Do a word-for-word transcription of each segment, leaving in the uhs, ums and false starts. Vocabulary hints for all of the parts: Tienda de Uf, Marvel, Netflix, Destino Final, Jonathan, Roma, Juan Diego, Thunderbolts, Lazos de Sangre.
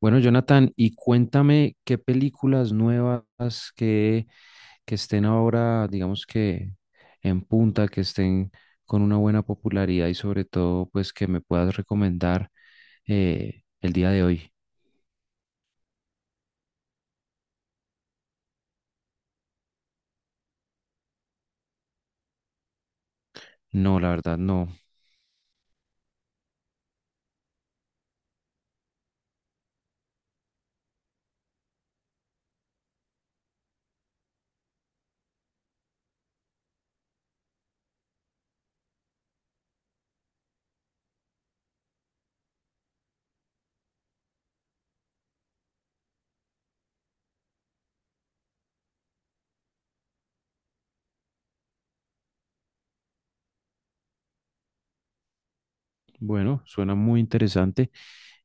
Bueno, Jonathan, y cuéntame qué películas nuevas que, que estén ahora, digamos que en punta, que estén con una buena popularidad y sobre todo, pues que me puedas recomendar eh, el día de hoy. No, la verdad, no. Bueno, suena muy interesante.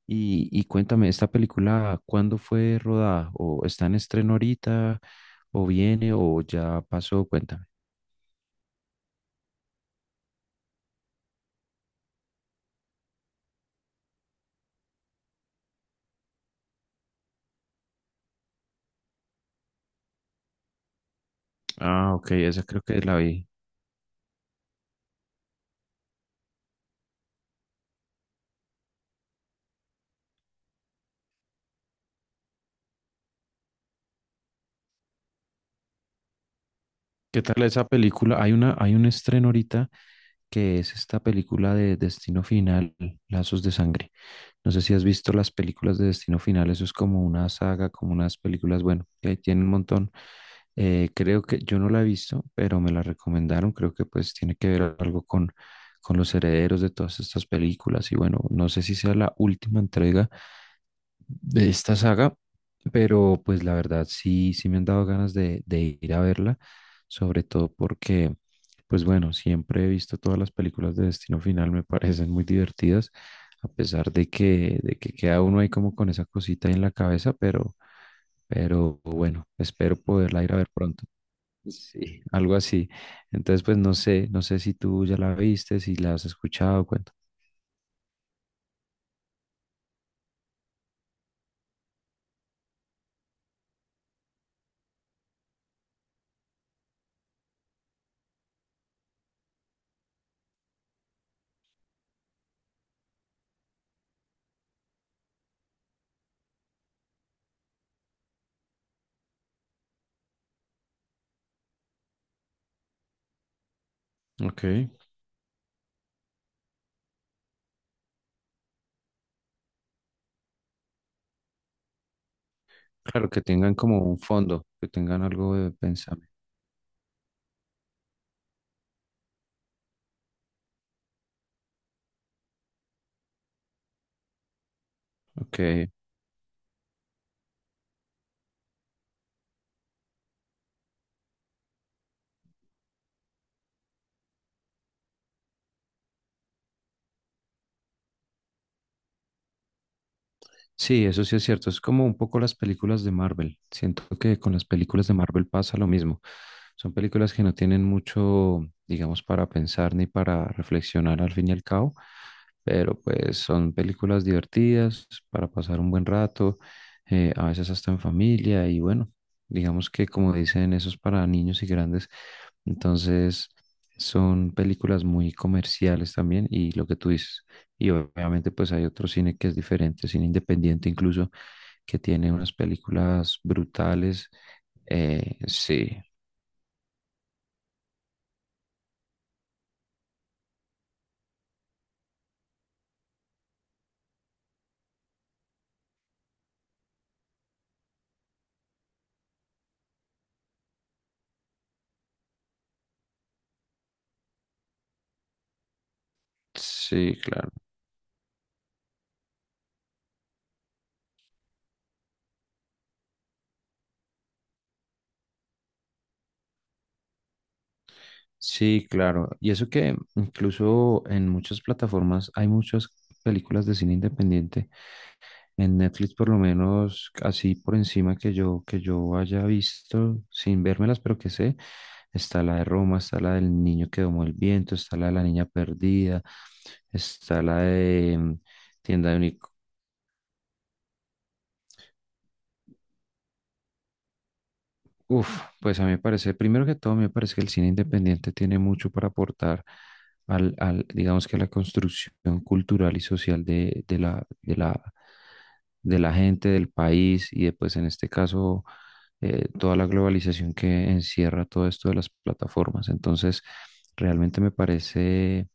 Y, y cuéntame, ¿esta película cuándo fue rodada? ¿O está en estreno ahorita? ¿O viene? ¿O ya pasó? Cuéntame. Ah, ok, esa creo que la vi. ¿Qué tal esa película? Hay una, hay un estreno ahorita que es esta película de Destino Final, Lazos de Sangre. No sé si has visto las películas de Destino Final, eso es como una saga, como unas películas, bueno, que ahí tiene un montón. Eh, creo que yo no la he visto, pero me la recomendaron. Creo que pues tiene que ver algo con, con los herederos de todas estas películas. Y bueno, no sé si sea la última entrega de esta saga, pero pues la verdad sí, sí me han dado ganas de, de ir a verla, sobre todo porque, pues bueno, siempre he visto todas las películas de Destino Final, me parecen muy divertidas, a pesar de que, de que queda uno ahí como con esa cosita en la cabeza, pero, pero bueno, espero poderla ir a ver pronto. Sí, algo así. Entonces, pues no sé, no sé si tú ya la viste, si la has escuchado, cuento. Ok, claro, que tengan como un fondo, que tengan algo de pensamiento. Ok, sí, eso sí es cierto. Es como un poco las películas de Marvel. Siento que con las películas de Marvel pasa lo mismo. Son películas que no tienen mucho, digamos, para pensar ni para reflexionar al fin y al cabo, pero pues son películas divertidas para pasar un buen rato, eh, a veces hasta en familia y bueno, digamos que como dicen, eso es para niños y grandes. Entonces son películas muy comerciales también y lo que tú dices. Y obviamente pues hay otro cine que es diferente, cine independiente incluso, que tiene unas películas brutales. Eh, sí, sí, claro. Sí, claro. Y eso que incluso en muchas plataformas hay muchas películas de cine independiente. En Netflix, por lo menos, así por encima que yo, que yo, haya visto, sin vérmelas, pero que sé, está la de Roma, está la del niño que domó el viento, está la de la niña perdida, está la de mm, Tienda de Uf, pues a mí me parece, primero que todo, me parece que el cine independiente tiene mucho para aportar al, al, digamos que a la construcción cultural y social de, de la, de la, de la gente, del país y después en este caso eh, toda la globalización que encierra todo esto de las plataformas. Entonces, realmente me parece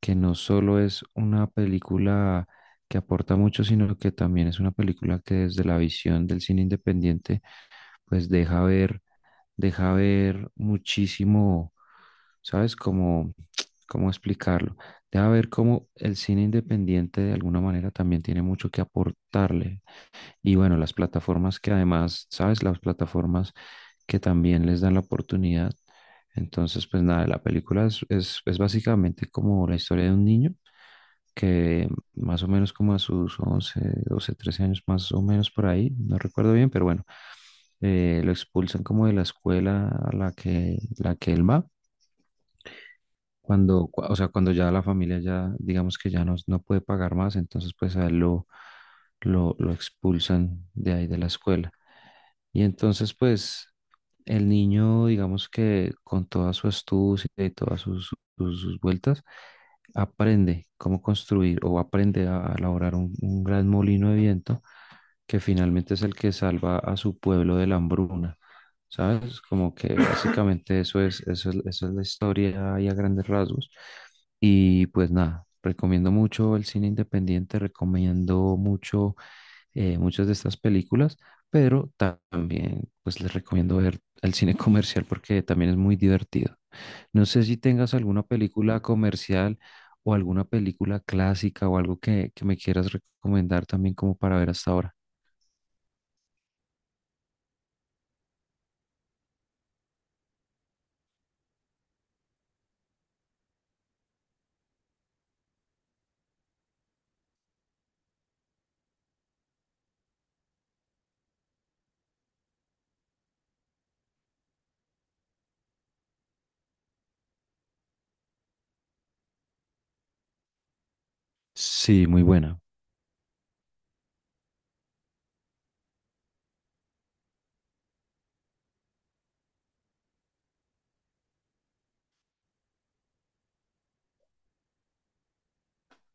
que no solo es una película que aporta mucho, sino que también es una película que desde la visión del cine independiente, pues deja ver deja ver muchísimo, ¿sabes? Como, ¿cómo explicarlo? Deja ver cómo el cine independiente de alguna manera también tiene mucho que aportarle. Y bueno, las plataformas que además, ¿sabes? Las plataformas que también les dan la oportunidad. Entonces, pues nada, la película es, es, es básicamente como la historia de un niño que más o menos como a sus once doce trece años, más o menos por ahí, no recuerdo bien, pero bueno eh, lo expulsan como de la escuela a la que, la que él va, cuando, cua- o sea, cuando ya la familia ya, digamos que ya no, no puede pagar más, entonces pues a él lo, lo, lo expulsan de ahí de la escuela. Y entonces pues el niño, digamos que con toda su astucia y todas sus, sus- sus vueltas, aprende cómo construir o aprende a elaborar un un gran molino de viento que finalmente es el que salva a su pueblo de la hambruna. ¿Sabes? Como que básicamente eso es, eso es, eso es la historia y a grandes rasgos. Y pues nada, recomiendo mucho el cine independiente, recomiendo mucho eh, muchas de estas películas, pero ta- también pues les recomiendo ver el cine comercial porque también es muy divertido. No sé si tengas alguna película comercial o alguna película clásica o algo que, que me quieras recomendar también como para ver hasta ahora. Sí, muy buena.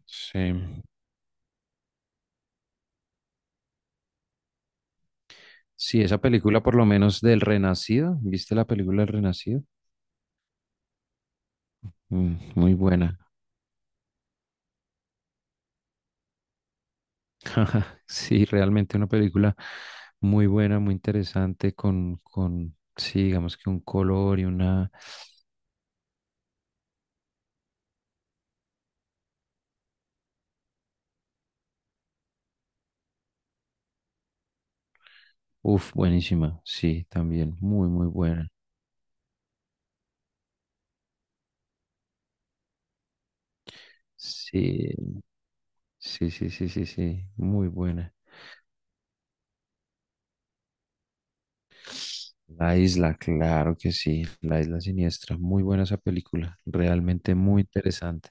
Sí. Sí, esa película por lo menos del Renacido. ¿Viste la película del Renacido? Mm, muy buena. Sí, realmente una película muy buena, muy interesante, con, con, sí, digamos que un color y una... Uf, buenísima. Sí, también muy, muy buena. Sí, sí, sí, sí, sí, sí, muy buena. La isla, claro que sí, La isla siniestra. Muy buena esa película, realmente muy interesante.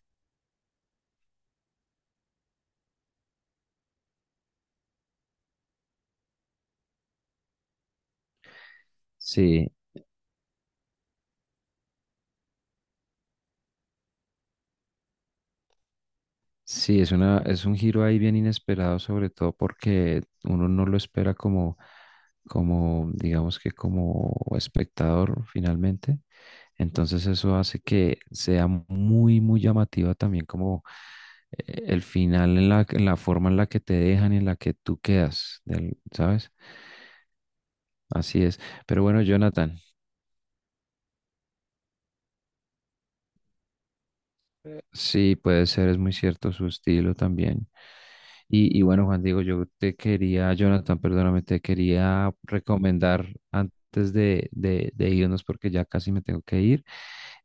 Sí, Sí, es una, es un giro ahí bien inesperado, sobre todo porque uno no lo espera como, como, digamos que como espectador finalmente. Entonces eso hace que sea muy, muy llamativa también como eh, el final en la, en la, forma en la que te dejan y en la que tú quedas, del- ¿sabes? Así es. Pero bueno, Jonathan. Sí, puede ser, es muy cierto su estilo también. Y, y bueno, Juan Diego, yo te quería, Jonathan, perdóname, te quería recomendar antes de, de, de irnos porque ya casi me tengo que ir,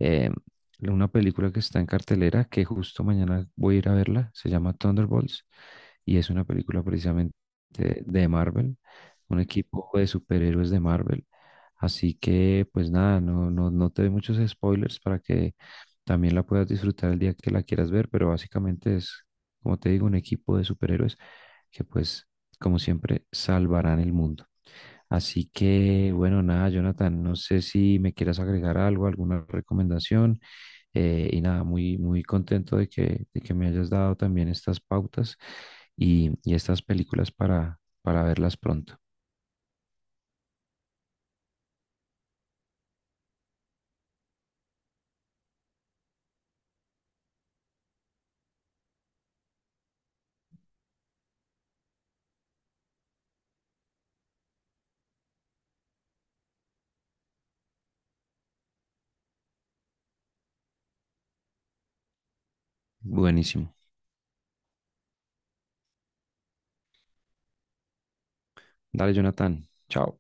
eh, una película que está en cartelera, que justo mañana voy a ir a verla, se llama Thunderbolts y es una película precisamente de de Marvel, un equipo de superhéroes de Marvel. Así que, pues nada, no, no, no te doy muchos spoilers para que también la puedas disfrutar el día que la quieras ver, pero básicamente es, como te digo, un equipo de superhéroes que pues, como siempre, salvarán el mundo. Así que, bueno, nada, Jonathan, no sé si me quieras agregar algo, alguna recomendación. eh, y nada, muy, muy contento de que, de que me hayas dado también estas pautas y, y estas películas para, para verlas pronto. Buenísimo. Dale, Jonathan. Chao.